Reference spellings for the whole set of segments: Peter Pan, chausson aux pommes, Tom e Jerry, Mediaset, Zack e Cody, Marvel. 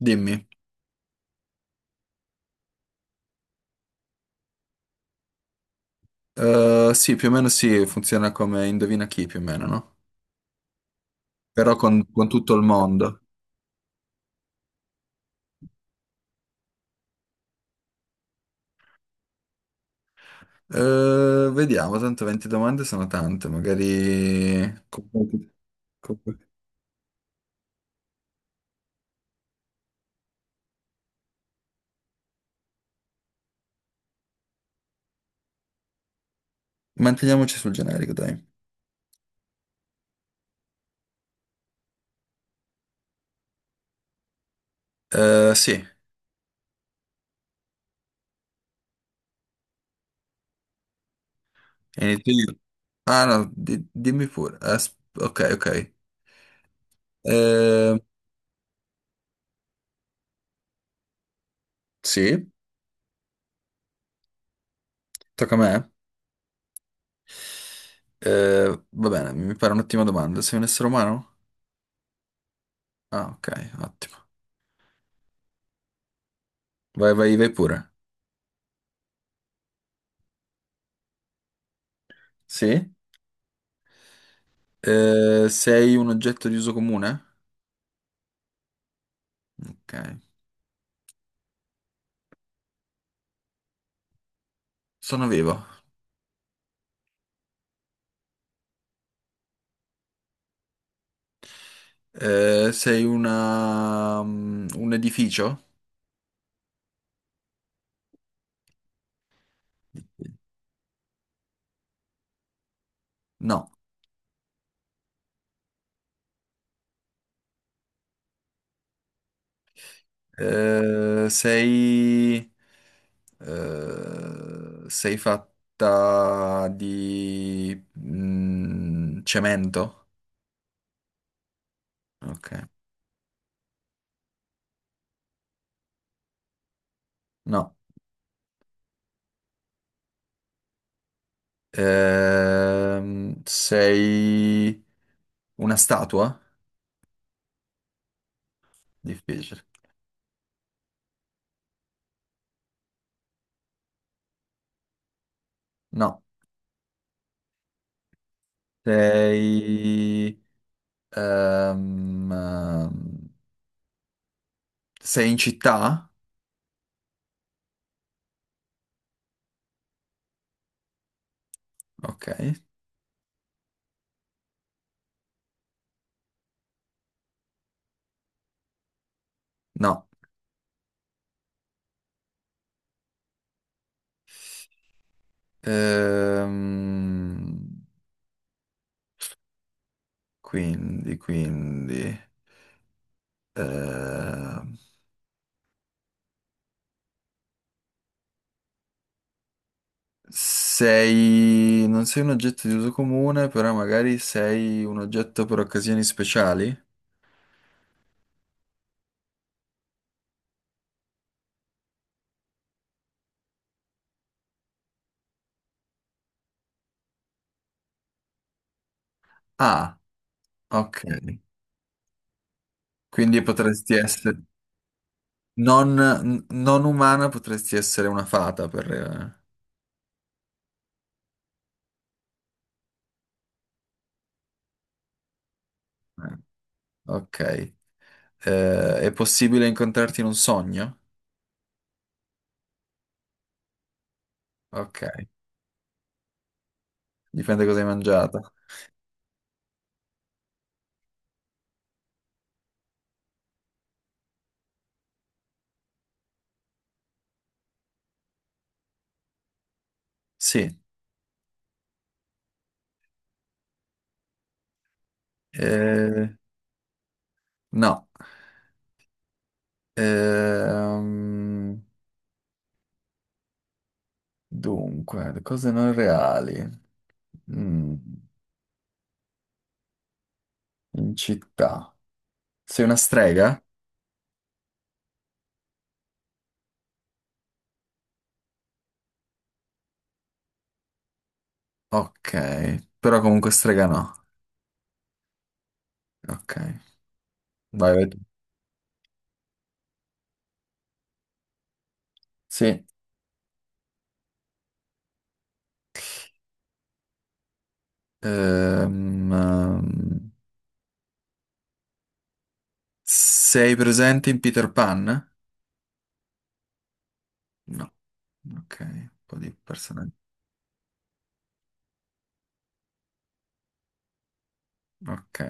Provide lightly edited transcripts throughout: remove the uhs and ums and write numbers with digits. Dimmi. Sì, più o meno sì, funziona come Indovina chi più o meno, no? Però con tutto il mondo. Vediamo, tanto 20 domande sono tante, magari, con qualche- Manteniamoci sul generico, dai. Sì, inizio io. Ah, no, dimmi pure. Ok, ok. Eh, sì, tocca a me. Va bene, mi pare un'ottima domanda. Sei un essere umano? Ah, ok, ottimo. Vai, vai, vai pure. Sì? Sei un oggetto di uso comune? Ok. Sono vivo. Sei un edificio? No. Eh, sei... Sei fatta di cemento? Ok. No. Sei una statua? Difficile. No. Sei... Ehm, Sei in città? Ok, no. Ehm, quindi, ehm, non sei un oggetto di uso comune, però magari sei un oggetto per occasioni speciali? Ah, ok. Quindi potresti essere non umana, potresti essere una fata. Ok. È possibile incontrarti in un sogno? Ok, dipende cosa hai mangiato. Sì, eh, no. Ehm, Dunque, le cose non reali. Mm, In città. Sei una strega? Ok, però comunque strega no. Ok, vai, vai tu. Sì. Ehm, ehm, Sei presente in Peter Pan? No. Ok, un po' di personaggi. Ok,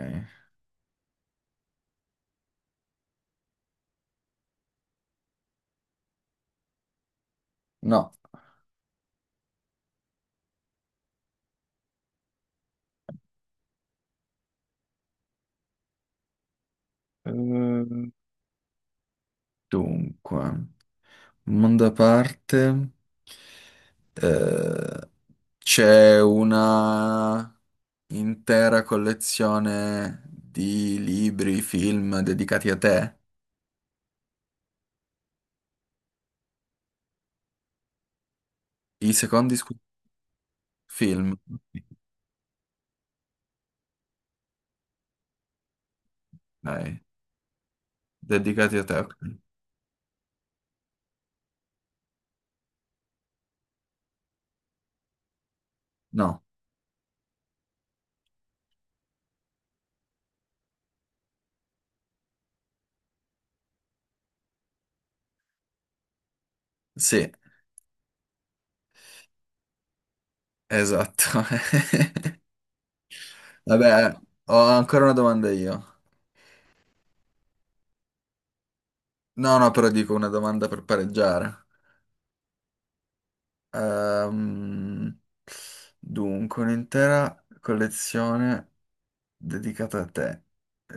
no. Ehm, Dunque. Mondo a parte, eh, c'è una intera collezione di libri, film dedicati a te. I secondi film, dai, dedicati a te. Ok. No, sì, esatto. Vabbè, ho ancora una domanda io. No, no, però dico una domanda per pareggiare. Ehm, Dunque, un'intera collezione dedicata a te. Eh,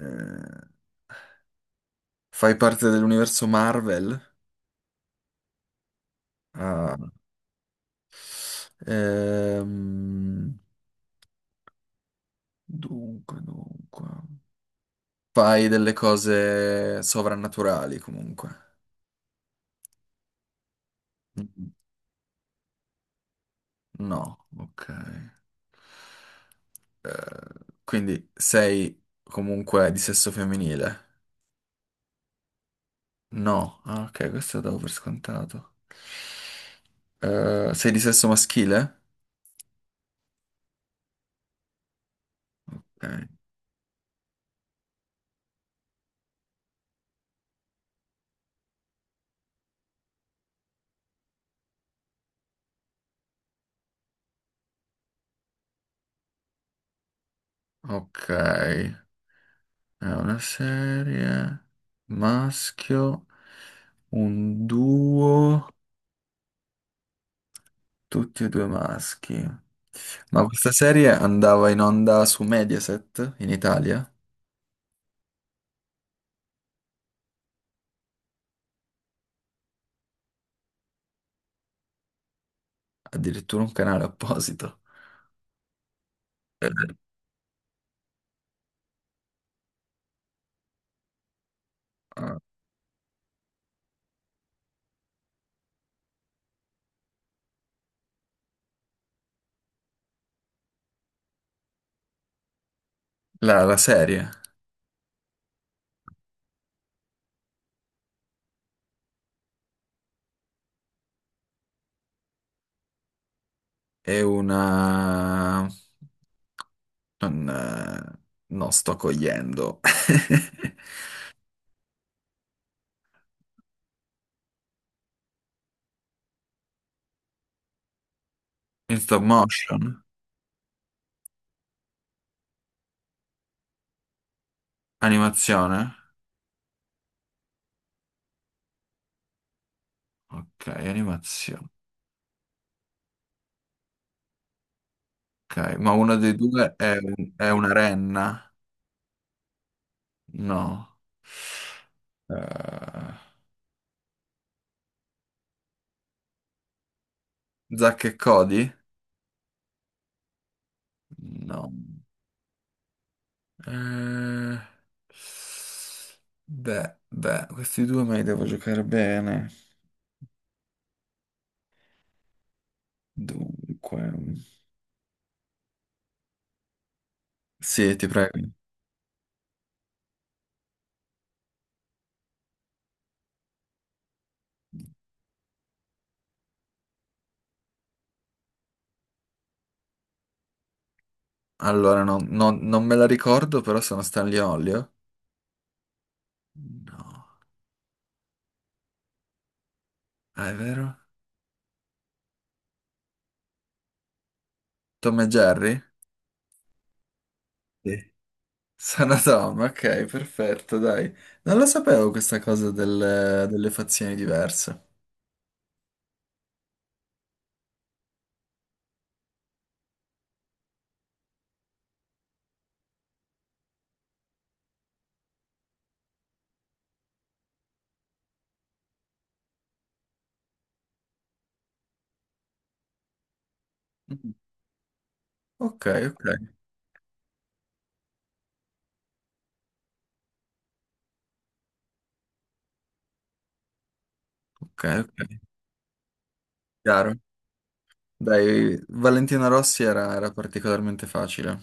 Fai parte dell'universo Marvel? Ah. Ehm, dunque. Fai delle cose sovrannaturali comunque. Mm, no, ok. Eh, quindi sei comunque di sesso femminile? No, ah, ok, questo lo davo per scontato. Sei di sesso maschile? Ok. Ok. È una serie, maschio, un duo, tutti e due maschi. Ma questa serie andava in onda su Mediaset in Italia, addirittura un canale apposito. Eh, la serie è una... non, non sto cogliendo. In stop motion? Animazione? Ok, animazione. Ok, ma uno dei due è una renna. No. Eh, Zack e Cody? No. Eh, Beh, beh, questi due me li devo giocare bene. Dunque. Sì, ti prego. Allora, non me la ricordo, però sono Stanley e Olio. No. Ah, è vero? Tom e Jerry? Sì. Sono Tom, ok, perfetto, dai. Non lo sapevo questa cosa delle fazioni diverse. Mm. Ok, ok. Ok, ok, chiaro. Dai, Valentina Rossi era particolarmente facile.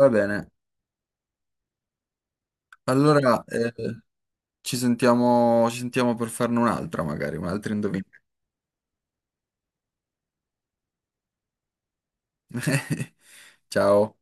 Va bene, allora ci sentiamo per farne un'altra magari, un altro indovinello. Ciao.